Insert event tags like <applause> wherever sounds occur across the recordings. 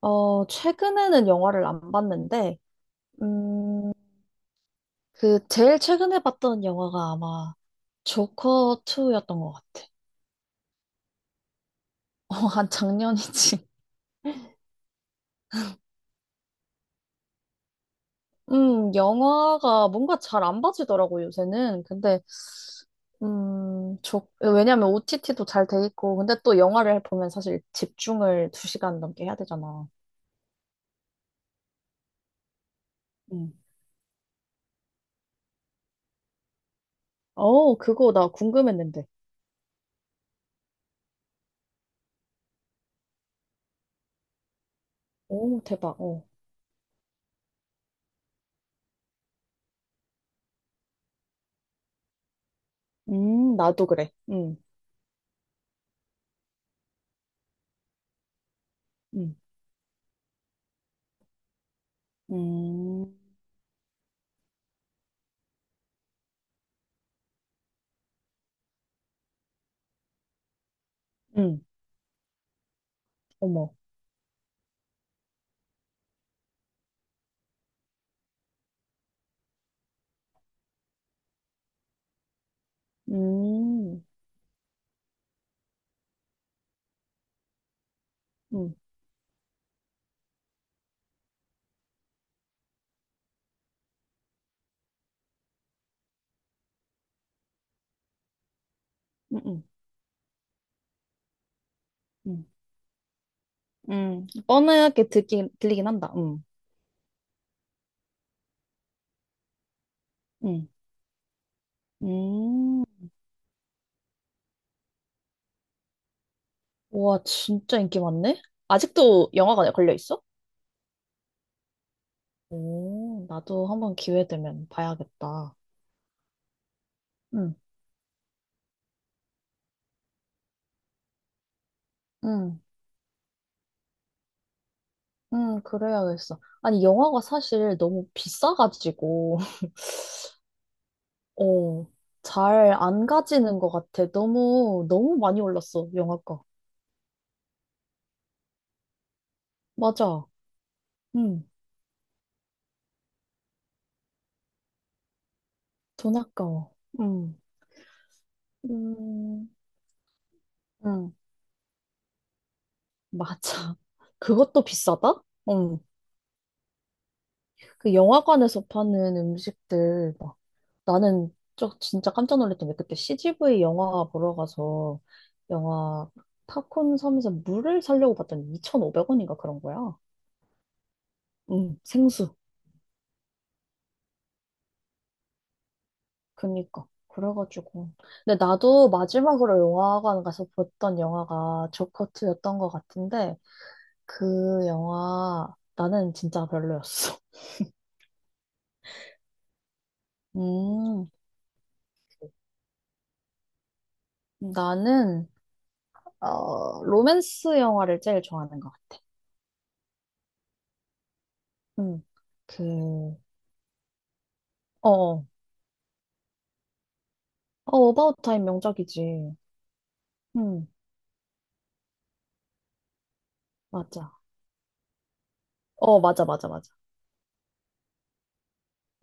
어, 최근에는 영화를 안 봤는데. 음, 제일 최근에 봤던 영화가 아마 조커 2였던 것 같아. <laughs> 어, 한 작년이지. 영화가 뭔가 잘 안 봐지더라고, 요새는. 왜냐면 OTT도 잘 돼 있고, 근데 또 영화를 보면 사실 집중을 두 시간 넘게 해야 되잖아. 음. 어, 그거 나 궁금했는데. 오, 대박. 어. 나도 그래. 음. 음. 음. 음. 어머. 음. 음. 음. 음. 음. 음. 뻔하게 듣긴, 들리긴 한다. 음. 음. 음. 와, 진짜 인기 많네? 아직도 영화관에 걸려 있어? 오, 나도 한번 기회 되면 봐야겠다. 응. 응. 응, 그래야겠어. 아니, 영화가 사실 너무 비싸가지고. <laughs> 어, 잘 안 가지는 것 같아. 너무, 너무 많이 올랐어, 영화가. 맞아. 응, 돈 아까워. 응. 음. 응. 맞아. 그것도 비싸다? 응. 그 영화관에서 파는 음식들, 막. 나는 저 진짜 깜짝 놀랐던 게 그때 CGV 영화 보러 가서 영화 팝콘 섬에서 물을 사려고 봤더니 2,500원인가 그런 거야. 응, 생수. 그니까. 그래가지고. 근데 나도 마지막으로 영화관 가서 봤던 영화가 조커2였던 것 같은데 그 영화 나는 진짜 별로였어. <laughs> 음, 나는 어, 로맨스 영화를 제일 좋아하는 것 같아. 음, 그, 어, 어, 어바웃 타임 명작이지. 음, 맞아. 어, 맞아, 맞아, 맞아.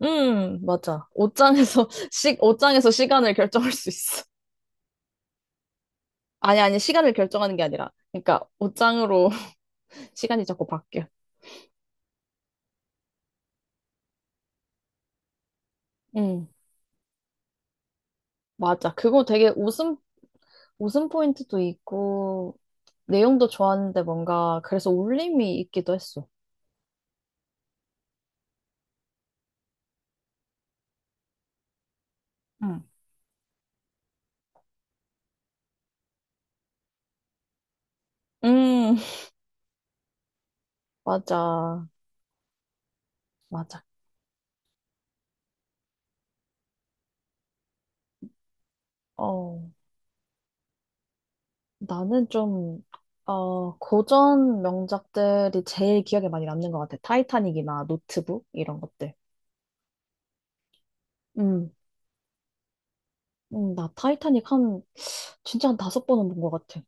맞아. 옷장에서, <laughs> 시, 옷장에서 시간을 결정할 수 있어. 아니, 아니, 시간을 결정하는 게 아니라. 그러니까, 옷장으로 <laughs> 시간이 자꾸 바뀌어. 음, 맞아. 그거 되게 웃음, 웃음 포인트도 있고, 내용도 좋았는데 뭔가, 그래서 울림이 있기도 했어. 음. 음. <laughs> 맞아. 맞아. 어, 나는 좀, 어, 고전 명작들이 제일 기억에 많이 남는 것 같아. 타이타닉이나 노트북, 이런 것들. 음. 나 타이타닉 한, 진짜 한 다섯 번은 본 것 같아.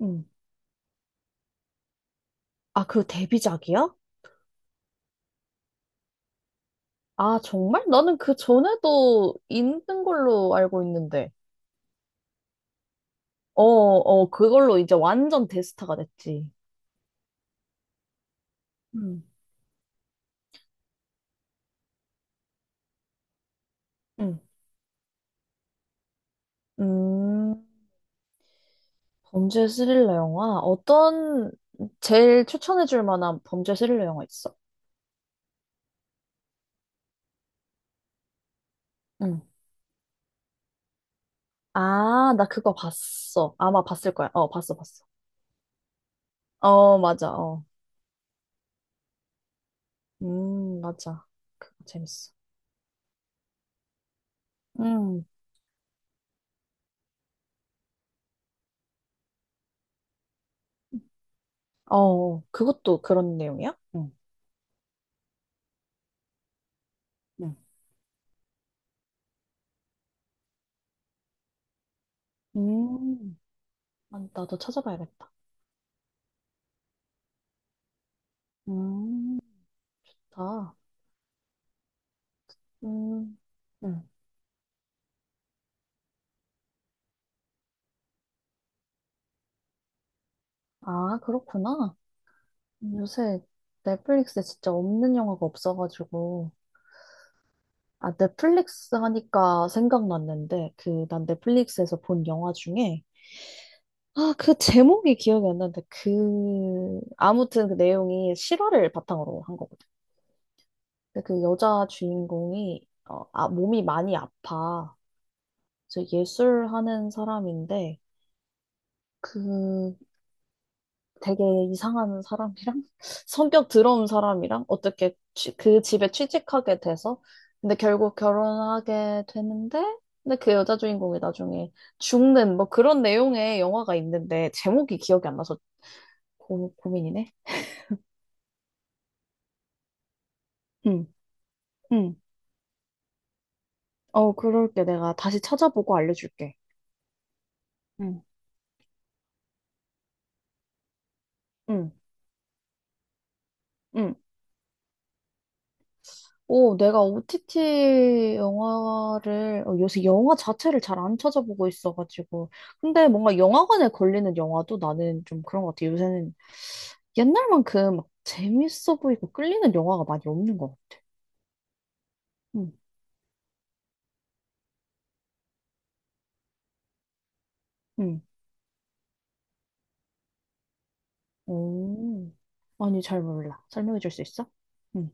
음. 아, 그 데뷔작이야? 아, 정말? 나는 그 전에도 있는 걸로 알고 있는데. 어, 어, 그걸로 이제 완전 대스타가 됐지. 음. 음. 음, 범죄 스릴러 영화? 어떤, 제일 추천해줄 만한 범죄 스릴러 영화 있어? 응. 아, 나 그거 봤어. 아마 봤을 거야. 어, 봤어, 봤어. 어, 맞아. 어. 맞아. 그거 재밌어. 음. 어, 어. 그것도 그런 내용이야? 응, 응. 음. 아, 나도 찾아봐야겠다. 음. 다. 음. 응. 아, 그렇구나. 요새 넷플릭스에 진짜 없는 영화가 없어가지고. 아, 넷플릭스 하니까 생각났는데, 그, 난 넷플릭스에서 본 영화 중에 아, 그 제목이 기억이 안 나는데, 그, 아무튼 그 내용이 실화를 바탕으로 한 거거든. 근데 그 여자 주인공이, 어, 아, 몸이 많이 아파. 저 예술하는 사람인데, 그 되게 이상한 사람이랑, <laughs> 성격 더러운 사람이랑, 어떻게 취- 그 집에 취직하게 돼서, 근데 결국 결혼하게 되는데, 근데 그 여자 주인공이 나중에 죽는, 뭐 그런 내용의 영화가 있는데, 제목이 기억이 안 나서 고, 고민이네. 응. 응. 어, 그럴게. 내가 다시 찾아보고 알려줄게. 응. 응, 응. 오, 내가 OTT 영화를, 어, 요새 영화 자체를 잘 안 찾아보고 있어가지고. 근데 뭔가 영화관에 걸리는 영화도 나는 좀 그런 것 같아. 요새는 옛날만큼 막 재밌어 보이고 끌리는 영화가 많이 없는 것 같아. 응, 응. 오, 아니, 잘 몰라. 설명해 줄 수 있어? 응.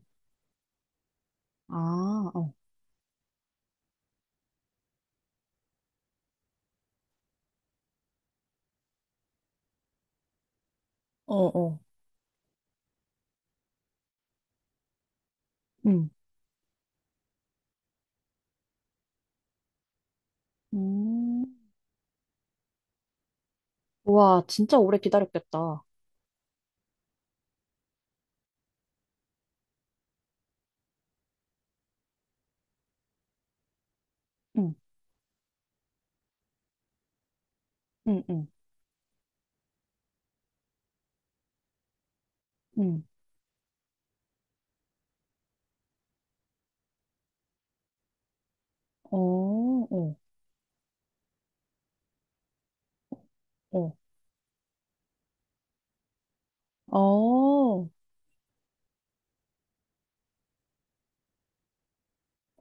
아, 어. 어, 어. 응. 음, 우와, 진짜 오래 기다렸겠다. 응. 응, 응. 응. 어, 어, 어. 어,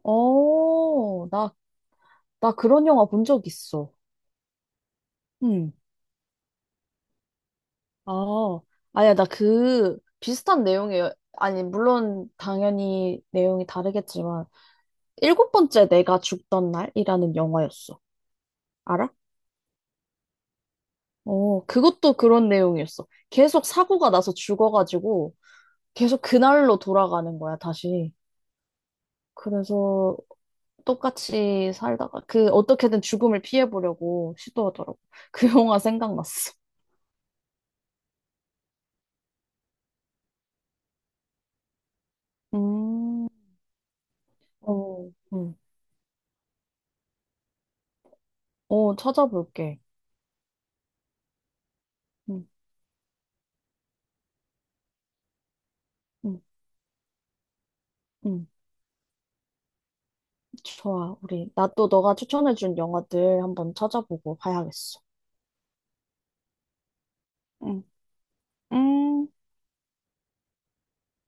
어. 나, 나 그런 영화 본 적 있어. 응. 아, 아야, 나 그, 비슷한 내용이에요. 아니, 물론, 당연히 내용이 다르겠지만, 7번째 내가 죽던 날이라는 영화였어. 알아? 어, 그것도 그런 내용이었어. 계속 사고가 나서 죽어가지고, 계속 그날로 돌아가는 거야, 다시. 그래서, 똑같이 살다가 그 어떻게든 죽음을 피해보려고 시도하더라고. <laughs> 그 영화 생각났어. 음. 어. 음. 어, 찾아볼게. 응. 응. 응. 좋아. 우리, 나 또 너가 추천해준 영화들 한번 찾아보고 봐야겠어. 응. 음.